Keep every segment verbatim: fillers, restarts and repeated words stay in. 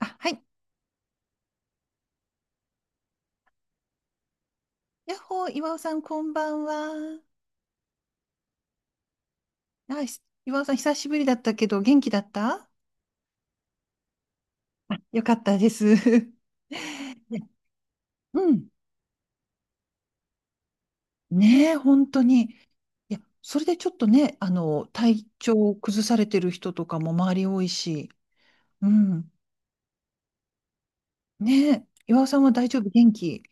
あ、はい。やっほー、岩尾さん、こんばんは。あ、し岩尾さん、久しぶりだったけど、元気だったあ、よかったです。ね、うん。ねえ、本当に。いや、それでちょっとね、あの、体調を崩されてる人とかも周り多いし。うん。ねえ、岩尾さんは大丈夫、元気。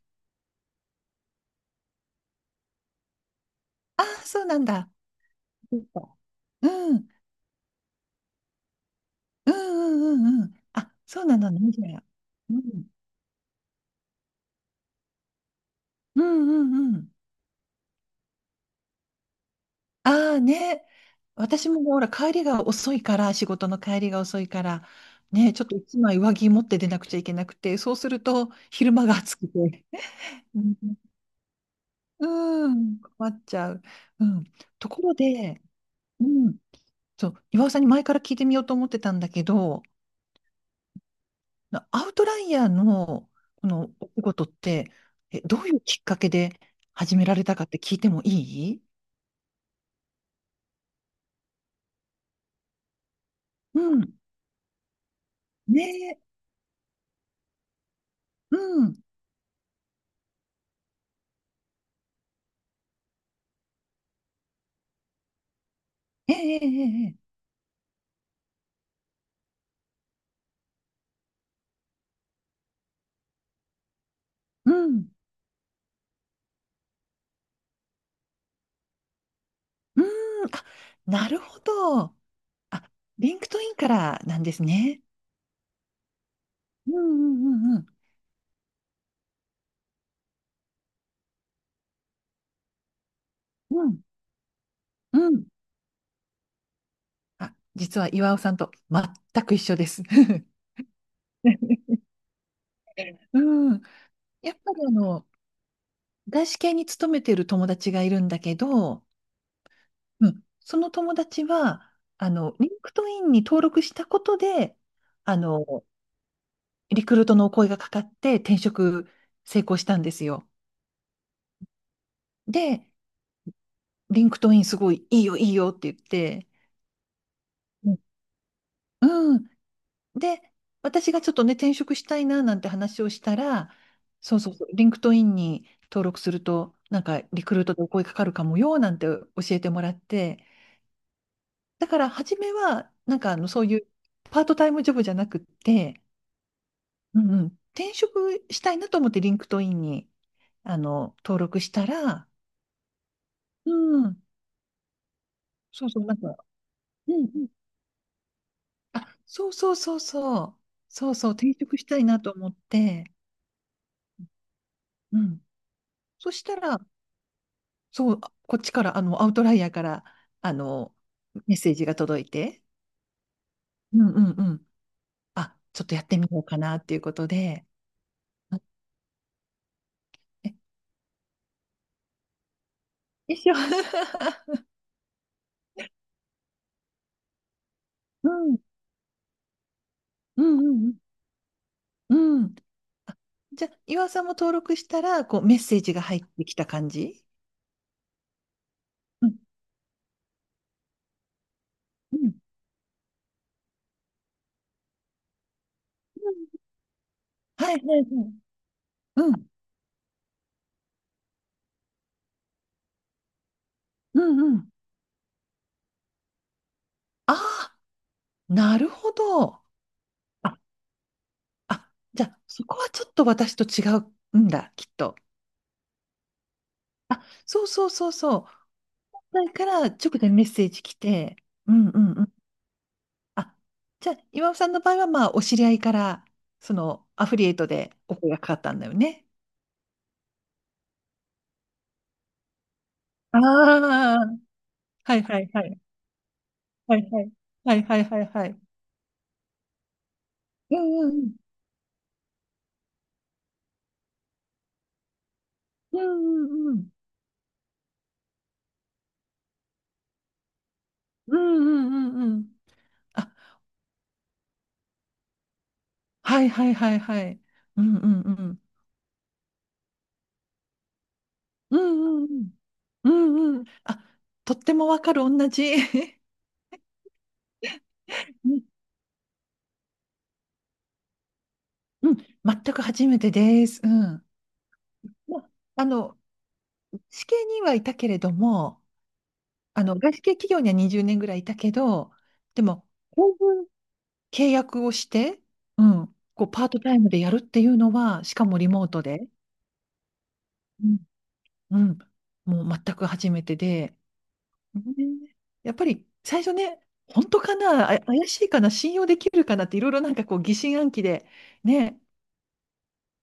ああ、そうなんだ。そっか、うん。うんうんうんうん。あ、そうなのね、じゃあ。うん。うんうんうん。ああね、私もねほら、帰りが遅いから、仕事の帰りが遅いから、ね、ちょっと一枚上着持って出なくちゃいけなくて、そうすると昼間が暑くて、うんうん、困っちゃう。うん、ところで、うん、そう、岩尾さんに前から聞いてみようと思ってたんだけど、アウトライヤーのこのお仕事って、え、どういうきっかけで始められたかって聞いてもいい。うん。ねえ、うん。ええええええ、うん。うーん、あ、なるほど。あ、リンクトインからなんですね。うんうんうんうん。うんうん。あ、実は岩尾さんと全く一緒です。うん。やっぱりあの、外資系に勤めてる友達がいるんだけど、うん、その友達は、あの、リンクトインに登録したことで、あの、リクルートのお声がかかって転職成功したんですよ。で、リンクトインすごいいいよいいよって言って、うん。で、私がちょっとね、転職したいななんて話をしたら、そうそうそう、リンクトインに登録すると、なんかリクルートでお声かかるかもよなんて教えてもらって、だから初めは、なんかあのそういうパートタイムジョブじゃなくって、うんうん、転職したいなと思ってリンクトインにあの登録したら、うん、そうそう、なんか、うんうん、あ、そうそうそうそう、そうそう、転職したいなと思って、うん。そしたら、そう、こっちから、あの、アウトライヤーから、あの、メッセージが届いて、うんうんうん。あ、ちょっとやってみようかなっていうことで、あ、え、一緒。うんうんうんうん。うん。あ、じゃあ、岩尾さんも登録したら、こう、メッセージが入ってきた感じ。うんうんうん、はいはいはい。うん。うんうん。ああ、なるほど。あ、あ、じゃあ、そこはちょっと私と違うんだ、きっと。あ、そうそうそうそう。だから直でメッセージ来て、うんうんうん。あ、じゃあ、岩尾さんの場合は、まあ、お知り合いから、その、アフリエイトでお声がかかったんだよね。ああ、はいはいはい。はいはい。はいはいはいはい。うんうんうん。うんうんうん。うんうんうんうん。あ、はいはいはいはい。うんうんうん。うんうんうん。うんうん。あ、とってもわかる、同じ。うん、うん、全く初めてです。うん。ま、あの、試験にはいたけれども、あの、外資系企業にはにじゅうねんぐらいいたけど、でも、こういう契約をして、うん、こうパートタイムでやるっていうのは、しかもリモートで、うん、うん、もう全く初めてで、ね、やっぱり最初ね、本当かな、あ、怪しいかな、信用できるかなって、いろいろなんかこう疑心暗鬼で、ね、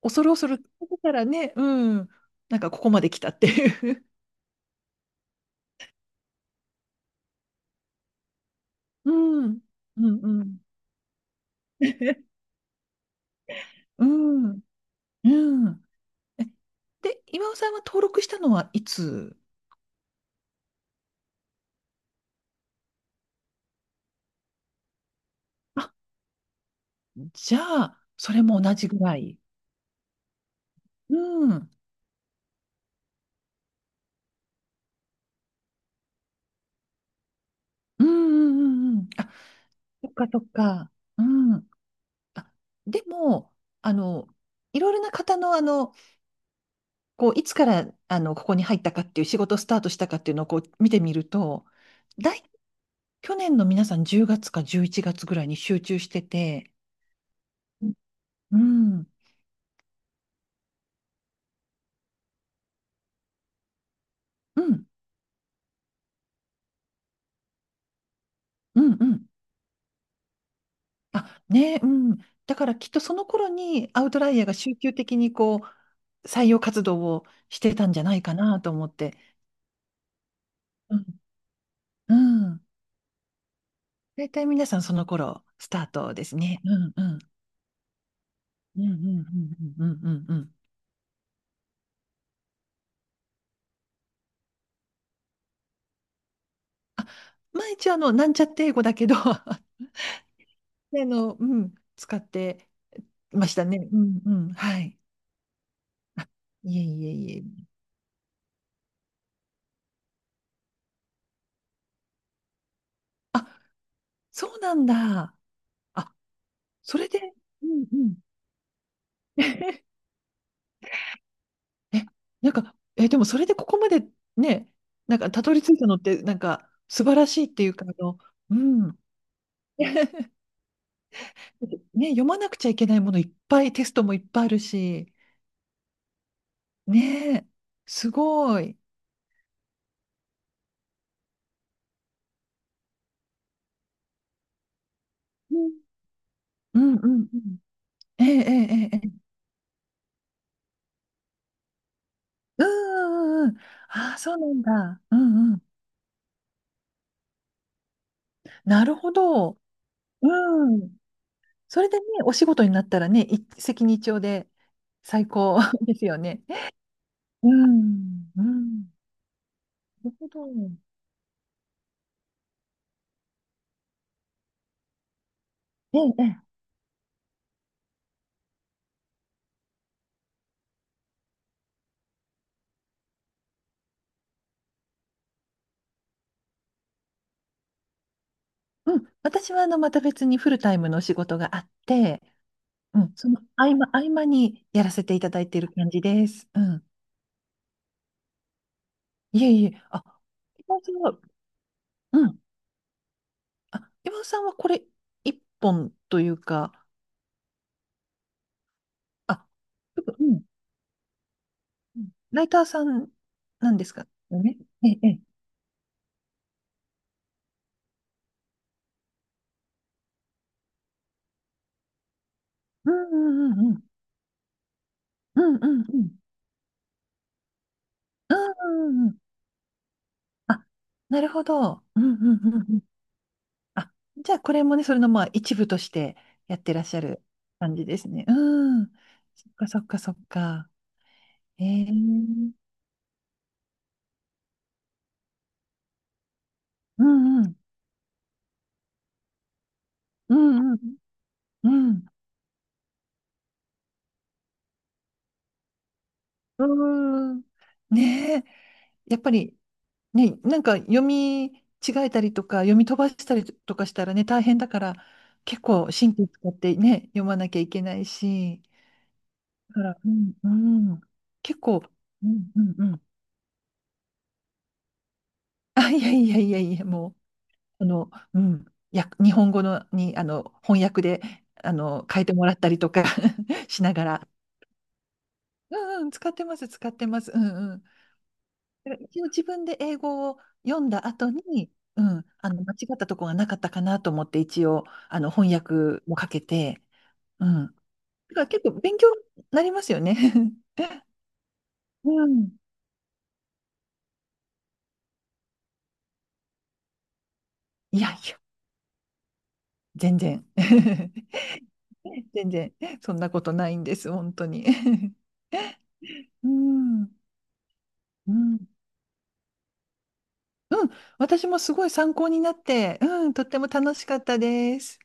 恐る恐る、ここからね、うん、なんかここまで来たっていう。うん、うん、うん。うんうん。え、で、今尾さんは登録したのはいつ。あ、じゃあ、それも同じぐらい。うん。うんうんうんうん。あ、そっかそっか。うん。あ、でも、あの、いろいろな方の、あの、こう、いつから、あの、ここに入ったかっていう仕事スタートしたかっていうのをこう見てみると、大、去年の皆さんじゅうがつかじゅういちがつぐらいに集中してて、うん。うん。うん。うん。あ、ね、うん。だからきっとその頃にアウトライヤーが集中的にこう採用活動をしてたんじゃないかなと思って。うん。うん。大体皆さんその頃スタートですね。うんうん。うんうんうんうんうんうん。うん。あ、毎日あの、なんちゃって英語だけど、 あの、うん、使ってましたね。うんうん。はい。いえいえいえ。あ、そうなんだ。あ、それで、うんうん。え、なんか、え、でもそれでここまでね、なんかたどり着いたのって、なんか素晴らしいっていうか、あの、うん。ね、読まなくちゃいけないものいっぱい、テストもいっぱいあるし、ねえ、すごい。うんうんうんうん。ええええええ。うんうんうん。ああ、そうなんだ。うんうん。なるほど。うん。それでね、お仕事になったらね、一石二鳥で最高 ですよね。うん。うん。なるほど。ええ、ええ、うん。私はあの、また別にフルタイムのお仕事があって、うん、その合間、合間にやらせていただいている感じです。うん。いえいえ、あ、今尾さんは、うん。あ、今尾さんはこれ、一本というか、あ、うん。うん、ライターさんなんですかね。ええ、ええ。うんうんうんうん。うんうんうん。うんうんうん。あ、なるほど。うんうんうんうん。あ、じゃあこれもね、それのまあ一部としてやってらっしゃる感じですね。うん。そっかそっかそっか。ええ、うんうん。うんうん。うん。うーん。ねえ。やっぱりね、なんか読み違えたりとか、読み飛ばしたりとかしたらね、大変だから、結構神経使ってね、読まなきゃいけないし。だから、うんうん。結構、うんうんうん。あ、いやいやいやいや、もう。あの、うん、や、日本語のに、あの、翻訳で、あの、変えてもらったりとか しながら。うんうん、使ってます、使ってます。うんうん。だから一応自分で英語を読んだ後に、うん、あの、間違ったとこがなかったかなと思って、一応、あの、翻訳もかけて、うん。だから結構勉強になりますよね。うん。いやいや、全然。全然、そんなことないんです、本当に。うん。うんうん、私もすごい参考になって、うん、とっても楽しかったです。